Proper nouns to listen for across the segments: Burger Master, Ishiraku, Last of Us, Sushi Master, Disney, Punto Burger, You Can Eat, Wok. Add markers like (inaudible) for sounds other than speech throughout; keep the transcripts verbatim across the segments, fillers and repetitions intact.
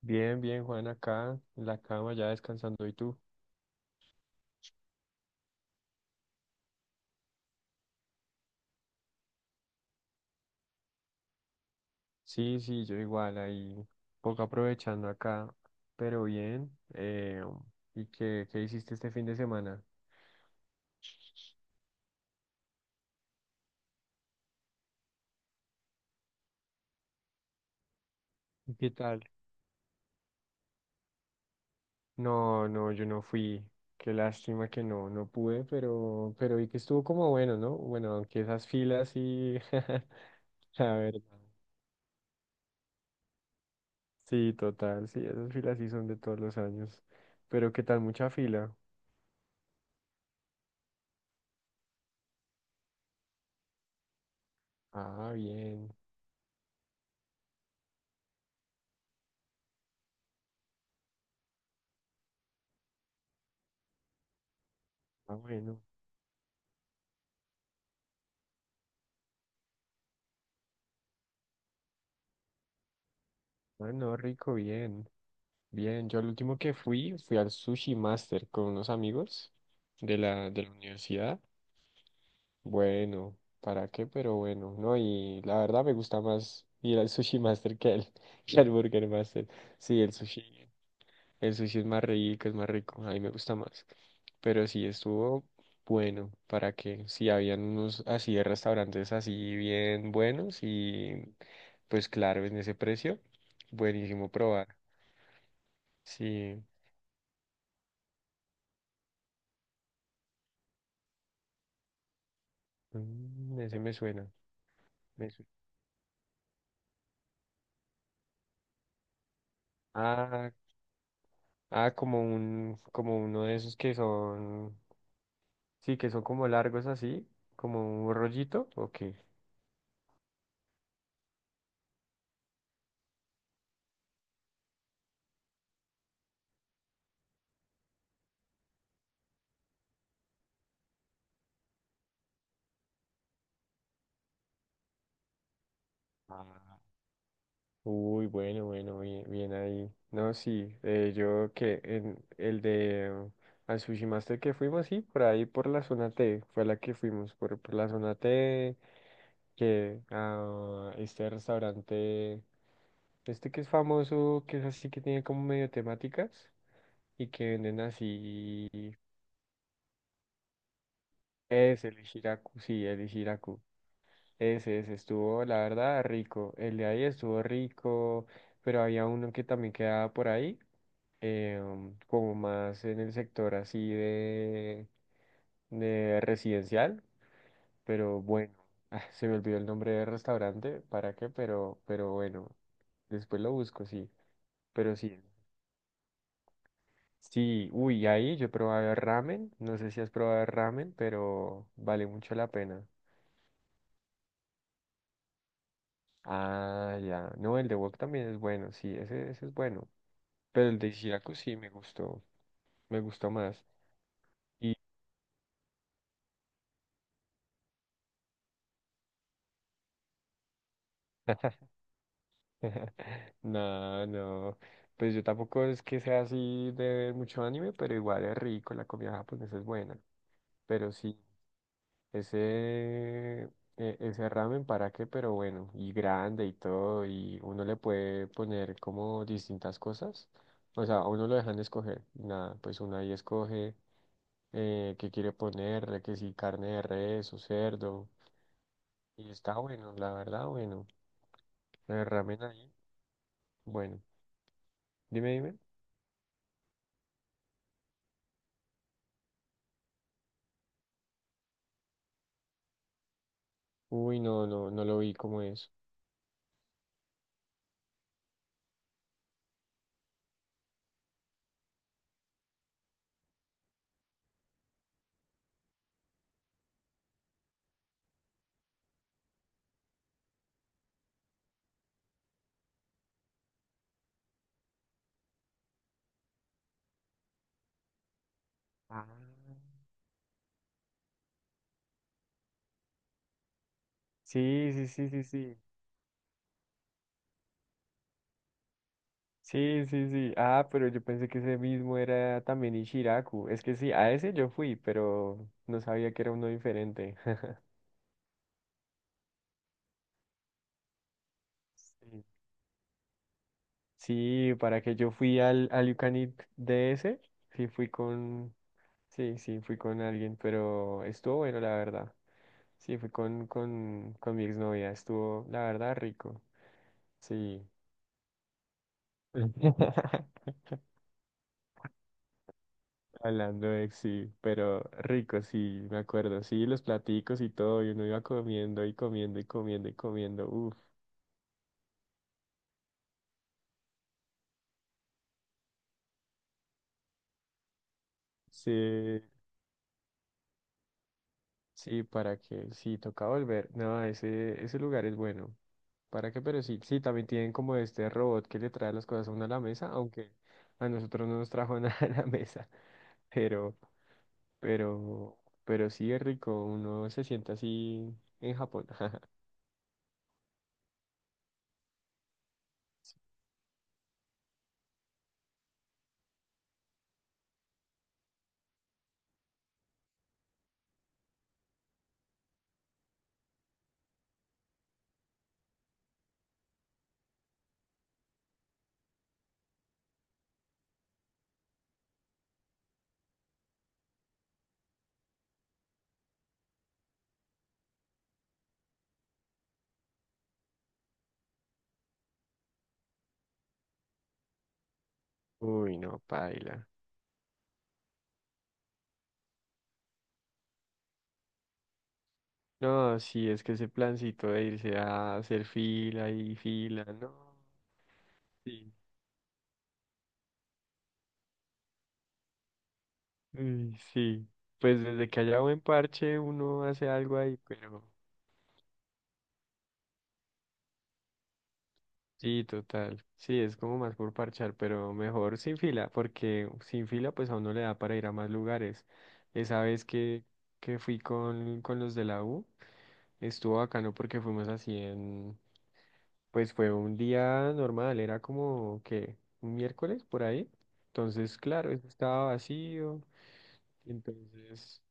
Bien, bien, Juan, acá en la cama ya descansando. ¿Y tú? Sí, sí, yo igual, ahí poco aprovechando acá, pero bien. eh, ¿y qué, qué hiciste este fin de semana? ¿Y qué tal? No, no, yo no fui. Qué lástima que no, no pude, pero, pero vi que estuvo como bueno, ¿no? Bueno, aunque esas filas sí, (laughs) la verdad. Sí, total, sí, esas filas sí son de todos los años. Pero qué tal, mucha fila. Ah, bien. Ah, bueno. Ah, no, rico, bien. Bien, yo al último que fui, fui al Sushi Master con unos amigos de la, de la universidad. Bueno, ¿para qué? Pero bueno, no, y la verdad me gusta más ir al Sushi Master que al, (laughs) que al Burger Master. Sí, el sushi, el sushi es más rico, es más rico, a mí me gusta más. Pero sí, estuvo bueno, ¿para qué? Sí, habían unos así de restaurantes así bien buenos y pues claro, en ese precio, buenísimo probar. Sí. Mm, ese me suena. Me suena. Ah, ah, como un, como uno de esos que son, sí, que son como largos así, como un rollito, ok. Ah. Uy, bueno, bueno, bien, bien ahí. No, sí, eh, yo que en el de eh, al Sushi Master que fuimos, sí, por ahí por la zona T, fue la que fuimos, por, por la zona T, que a este restaurante, este que es famoso, que es así que tiene como medio temáticas y que venden así. Es el Ishiraku, sí, el Ishiraku. Ese, ese estuvo, la verdad, rico. El de ahí estuvo rico, pero había uno que también quedaba por ahí, eh, um, como más en el sector así de, de residencial, pero bueno. (laughs) Ah, se me olvidó el nombre del restaurante, ¿para qué? Pero, pero bueno, después lo busco, sí. Pero sí, sí, uy, ahí yo probaba ramen, no sé si has probado ramen, pero vale mucho la pena. Ah, ya. No, el de Wok también es bueno, sí, ese, ese es bueno. Pero el de Shiraku sí me gustó, me gustó más. Y (laughs) no, no. Pues yo tampoco es que sea así de ver mucho anime, pero igual es rico, la comida japonesa es buena. Pero sí, ese, e- ese ramen para qué, pero bueno, y grande y todo, y uno le puede poner como distintas cosas. O sea, a uno lo dejan escoger. Nada, pues uno ahí escoge. Eh, qué quiere ponerle, que si carne de res o cerdo. Y está bueno, la verdad, bueno. El ramen ahí, bueno. Dime, dime. Uy, no, no, no lo vi como es. Ah, sí, sí, sí, sí, sí. Sí, sí, sí. Ah, pero yo pensé que ese mismo era también Ishiraku. Es que sí, a ese yo fui, pero no sabía que era uno diferente. (laughs) Sí, sí, para que yo fui al, al You Can Eat de ese, sí fui con, sí, sí, fui con alguien, pero estuvo bueno, la verdad. Sí, fui con, con, con mi exnovia, estuvo, la verdad, rico. Sí. (laughs) Hablando de ex, sí, pero rico, sí, me acuerdo. Sí, los platicos y todo, y uno iba comiendo y comiendo y comiendo y comiendo. Uff, sí. Sí, para que, sí, toca volver. No, ese, ese lugar es bueno. ¿Para qué? Pero sí, sí, también tienen como este robot que le trae las cosas a uno a la mesa, aunque a nosotros no nos trajo (laughs) nada a la mesa. Pero, pero, pero sí es rico, uno se siente así en Japón. (laughs) Uy, no, paila. No, sí, es que ese plancito de irse a hacer fila y fila, no. Sí. Uy, sí. Pues desde que haya buen parche, uno hace algo ahí, pero. Sí, total. Sí, es como más por parchar, pero mejor sin fila, porque sin fila pues a uno le da para ir a más lugares. Esa vez que, que fui con, con los de la U, estuvo bacano porque fuimos así en, pues fue un día normal, era como que un miércoles por ahí. Entonces, claro, eso estaba vacío. Entonces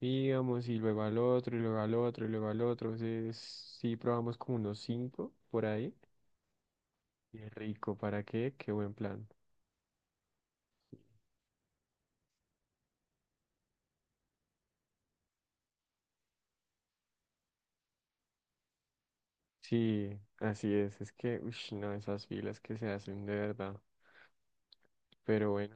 íbamos y luego al otro, y luego al otro, y luego al otro. Entonces sí probamos como unos cinco por ahí. Qué rico, ¿para qué? Qué buen plan. Sí, así es. Es que, uy, no, esas filas que se hacen de verdad. Pero bueno,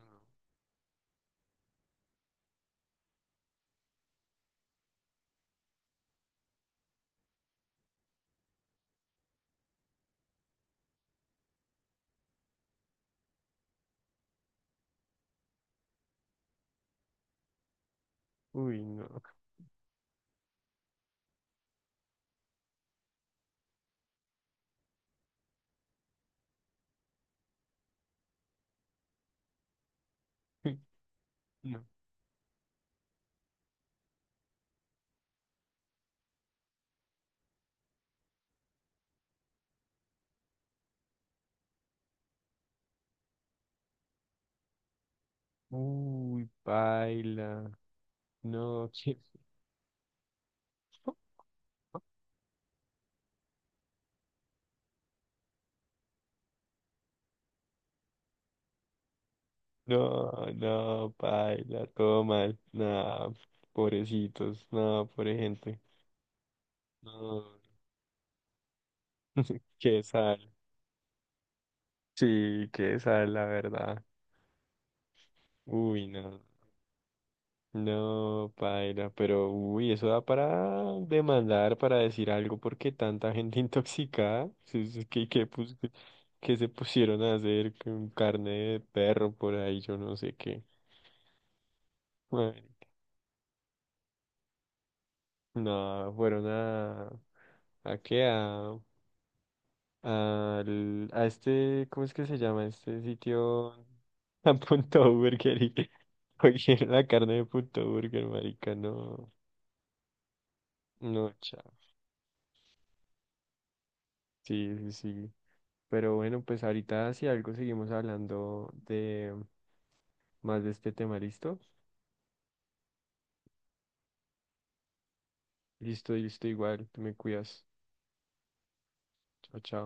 no. Uy, no. (laughs) No. Uy, paila. No, (laughs) qué- No, no, paila, todo mal. No, pobrecitos. No, pobre gente. No, qué sal. Sí, qué sal, la verdad. Uy, no. No, paila, pero uy, eso da para demandar, para decir algo, porque tanta gente (laughs) intoxicada, sí, sí, que, que, se pusieron a hacer con carne de perro por ahí, yo no sé qué. Bueno, no, fueron a, ¿a qué? A, al- a este, ¿cómo es que se llama? Este sitio, (laughs) a Punto Burger, y (laughs) cogieron la carne de Punto Burger, marica, no, no, chao, sí, sí, sí. Pero bueno, pues ahorita si algo seguimos hablando de más de este tema, ¿listo? Listo, listo, igual, te me cuidas. Chao, chao.